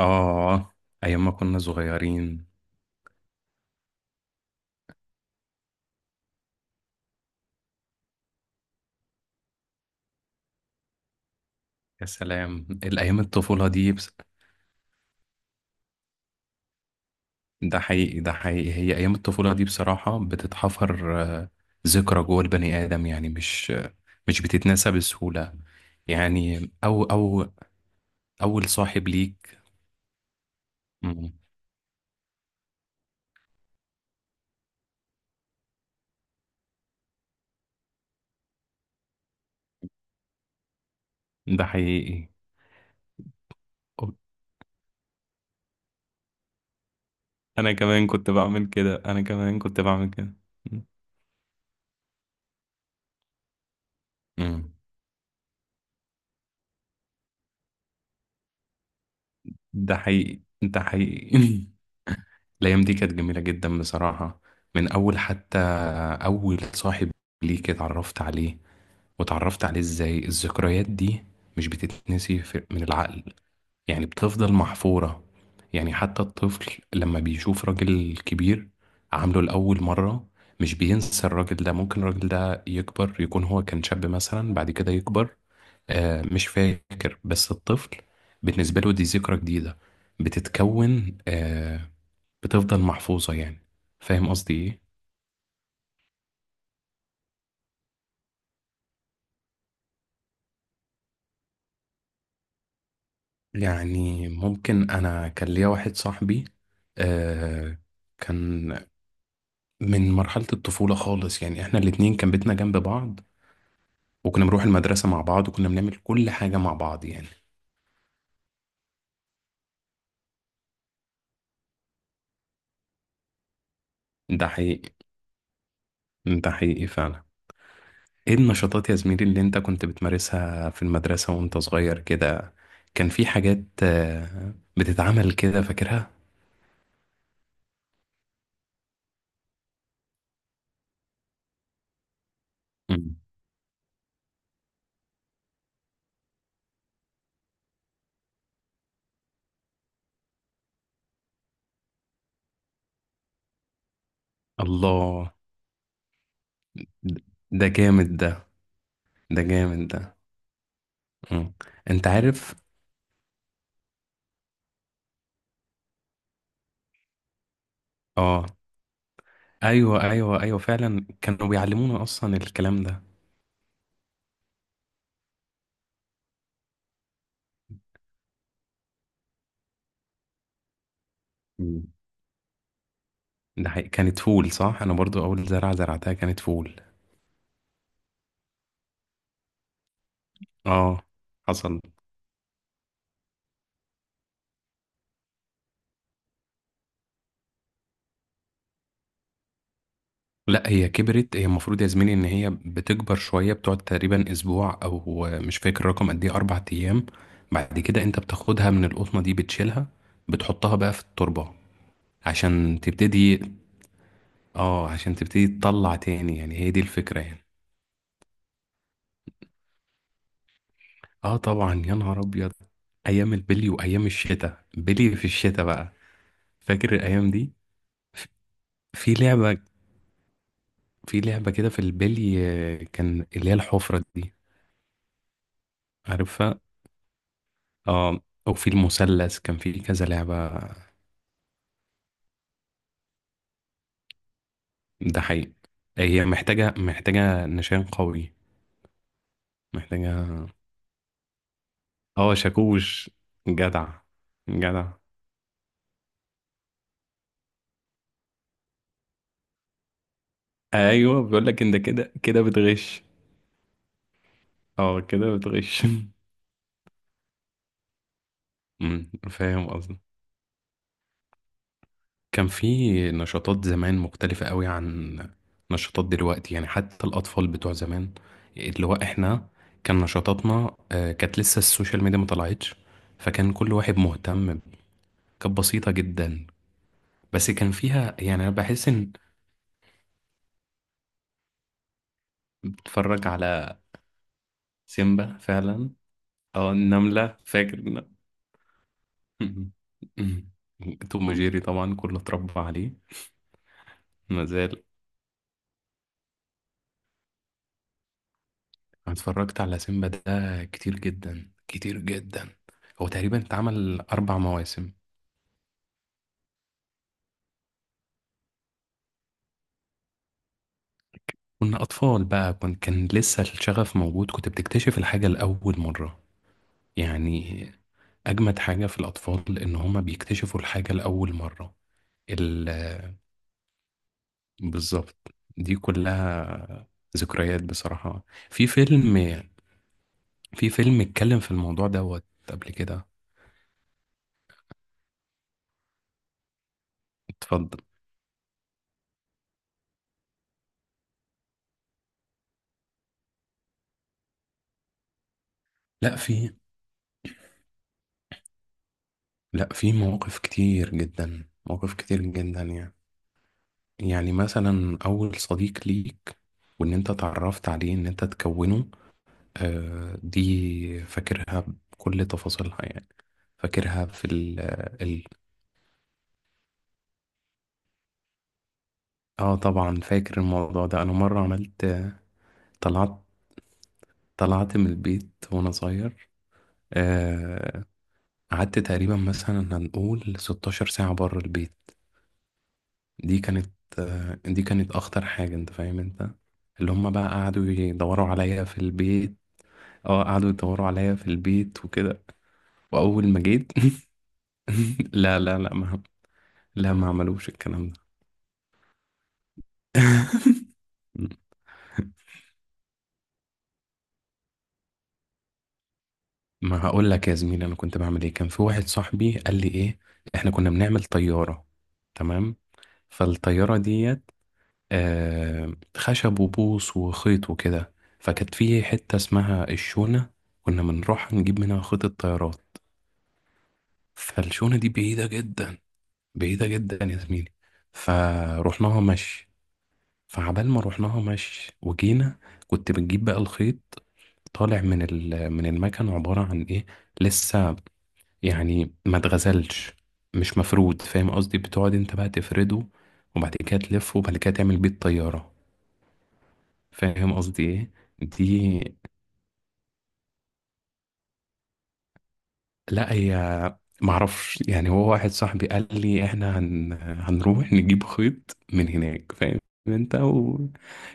آه. أيام ما كنا صغيرين. يا سلام الأيام الطفولة دي بس. ده حقيقي ده حقيقي، هي أيام الطفولة دي بصراحة بتتحفر ذكرى جوه البني آدم. يعني مش بتتنسى بسهولة. يعني أو أو أول صاحب ليك. مم. ده حقيقي. أو- أنا كمان كنت بعمل كده، أنا كمان كنت بعمل كده. مم. ده حقيقي ده حقيقي. الأيام دي كانت جميلة جدا بصراحة. من أول حتى أول صاحب ليك اتعرفت عليه، واتعرفت عليه إزاي الذكريات دي مش بتتنسي من العقل، يعني بتفضل محفورة. يعني حتى الطفل لما بيشوف راجل كبير عامله لأول مرة مش بينسى الراجل ده. ممكن الراجل ده يكبر، يكون هو كان شاب مثلا بعد كده يكبر، مش فاكر، بس الطفل بالنسبة له دي ذكرى جديدة بتتكون، بتفضل محفوظة يعني. فاهم قصدي ايه؟ يعني ممكن انا كان ليا واحد صاحبي، آه كان من مرحلة الطفولة خالص. يعني احنا الاتنين كان بيتنا جنب بعض، وكنا بنروح المدرسة مع بعض، وكنا بنعمل كل حاجة مع بعض يعني. ده حقيقي. ده حقيقي فعلا. ايه النشاطات يا زميلي اللي انت كنت بتمارسها في المدرسة وانت صغير كده؟ كان في حاجات بتتعمل كده فاكرها. مم. الله. ده جامد ده. ده جامد ده. مم. انت عارف. اه. ايوه ايوه ايوه فعلا، كانوا بيعلمونا اصلا الكلام ده. مم. ده حقيقي. كانت فول صح؟ انا برضو اول زرعه زرعتها كانت فول. اه، حصل. لا، هي كبرت. هي المفروض يا زميلي ان هي بتكبر شويه، بتقعد تقريبا اسبوع، او مش فاكر الرقم قد ايه، 4 ايام. بعد كده انت بتاخدها من القطنه دي، بتشيلها، بتحطها بقى في التربه عشان تبتدي. اه، عشان تبتدي تطلع تاني، يعني هي دي الفكره يعني. اه طبعا، يا نهار ابيض. ايام البلي وايام الشتاء، بلي في الشتاء بقى. فاكر الايام دي؟ ف- في لعبه، كده في البلي، كان اللي هي الحفره دي. عارفها. اه. او في المثلث كان في كذا لعبه. ده حقيقي. هي محتاجه، نشان قوي. محتاجه اه شاكوش. جدع. جدع. ايوه، بيقول لك انت كده كده بتغش. اه، كده بتغش. فاهم قصدي. كان في نشاطات زمان مختلفة قوي عن نشاطات دلوقتي. يعني حتى الأطفال بتوع زمان، اللي هو إحنا، كان نشاطاتنا كانت لسه السوشيال ميديا ما طلعتش. فكان كل واحد مهتم كانت بسيطة جدا، بس كان فيها يعني أنا بحس إن بتفرج على سيمبا فعلا، أو النملة فاكر. إن- توم وجيري طبعا كله اتربى عليه، ما زال. أنا اتفرجت على سيمبا ده كتير جدا كتير جدا. هو تقريبا اتعمل 4 مواسم. كنا أطفال بقى كان لسه الشغف موجود، كنت بتكتشف الحاجة لأول مرة يعني. أجمد حاجة في الأطفال إن هما بيكتشفوا الحاجة لأول مرة ال... بالظبط، دي كلها ذكريات بصراحة. في فيلم في فيلم اتكلم في الموضوع دوت قبل كده. اتفضل. لا في لا في مواقف كتير جدا، مواقف كتير جدا يعني. يعني مثلا أول صديق ليك وإن أنت اتعرفت عليه، إن أنت تكونه، دي فاكرها بكل تفاصيلها يعني. فاكرها في ال ال آه طبعا فاكر الموضوع ده، أنا مرة عملت، طلعت طلعت من البيت وأنا صغير. آه قعدت تقريبا، مثلا هنقول 16 ساعة بره البيت. دي كانت، دي كانت أخطر حاجة. أنت فاهم أنت، اللي هم بقى قعدوا يدوروا عليا في البيت. اه، قعدوا يدوروا عليا في البيت وكده، واول ما جيت. لا لا لا، ما لا ما عملوش الكلام ده. ما هقول لك يا زميلي انا كنت بعمل ايه. كان في واحد صاحبي قال لي ايه، احنا كنا بنعمل طيارة، تمام؟ فالطيارة ديت خشب وبوص وخيط وكده. فكانت في حتة اسمها الشونة، كنا بنروح نجيب منها خيط الطيارات. فالشونة دي بعيدة جدا، بعيدة جدا يا زميلي. فروحناها مشي، فعبال ما رحناها مشي وجينا كنت بتجيب بقى الخيط طالع من ال من المكن. عبارة عن ايه؟ لسه يعني ما اتغزلش، مش مفرود، فاهم قصدي؟ بتقعد انت بقى تفرده، وبعد كده تلفه، وبعد كده تعمل بيه الطيارة. فاهم قصدي ايه؟ دي لا، هي معرفش يعني. هو واحد صاحبي قال لي احنا هنروح نجيب خيط من هناك فاهم. انت و...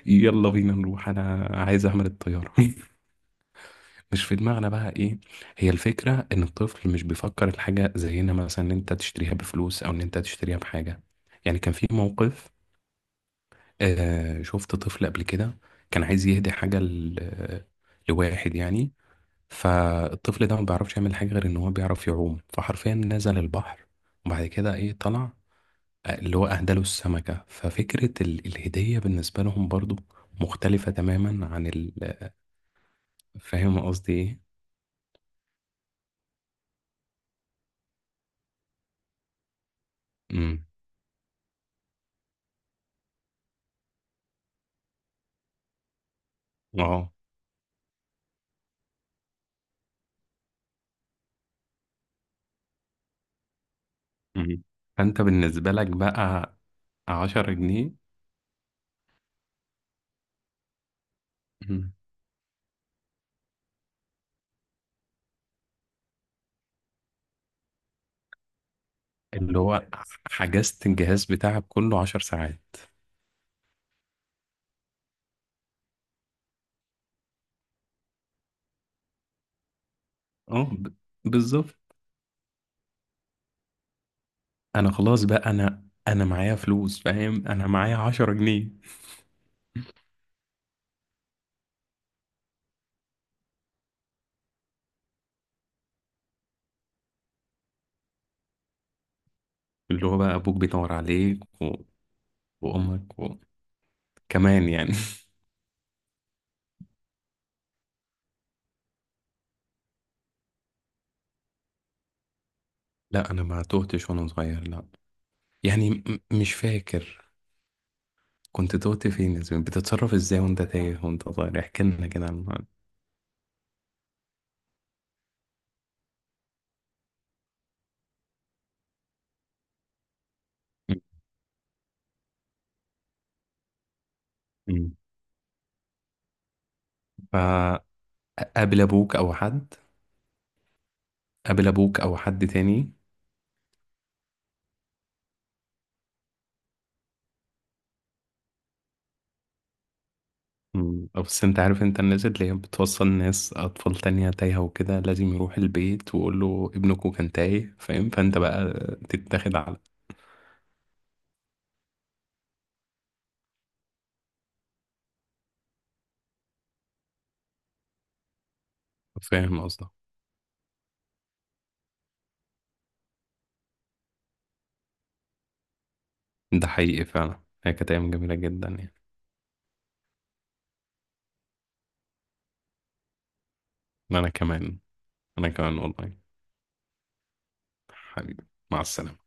يلا بينا نروح، انا عايز اعمل الطيارة. مش في دماغنا بقى ايه، هي الفكرة ان الطفل مش بيفكر الحاجة زينا، مثلا ان انت تشتريها بفلوس او ان انت تشتريها بحاجة. يعني كان في موقف، شفت طفل قبل كده، كان عايز يهدي حاجة لواحد يعني. فالطفل ده ما بيعرفش يعمل حاجة غير ان هو بيعرف يعوم، فحرفيا نزل البحر وبعد كده ايه طلع، اللي هو اهداله السمكة. ففكرة الهدية بالنسبة لهم برضو مختلفة تماما عن فاهم قصدي ايه؟ امم اه. مم. فانت بالنسبة لك بقى 10 جنيه. مم. اللي هو حجزت الجهاز بتاعك كله 10 ساعات. اه بالظبط. انا خلاص بقى، انا معايا فلوس فاهم، انا معايا 10 جنيه. اللي هو بقى ابوك بيدور عليك وامك كمان يعني. لا، انا ما توهتش وانا صغير، لا. يعني مش فاكر. كنت توهت فين يا زميلي؟ بتتصرف ازاي وانت تايه وانت صغير؟ احكي لنا كده عن الموضوع. مم. فقابل ابوك او حد، قابل ابوك او حد تاني. مم. بس انت عارف، انت الناس اللي هي بتوصل ناس اطفال تانية تايهة وكده لازم يروح البيت ويقول له ابنكوا كان تايه، فاهم؟ فانت بقى تتاخد على، فاهم قصدك. ده حقيقي فعلا، هي كانت ايام جميلة جدا يعني. انا كمان انا كمان والله. حبيبي. مع السلامة.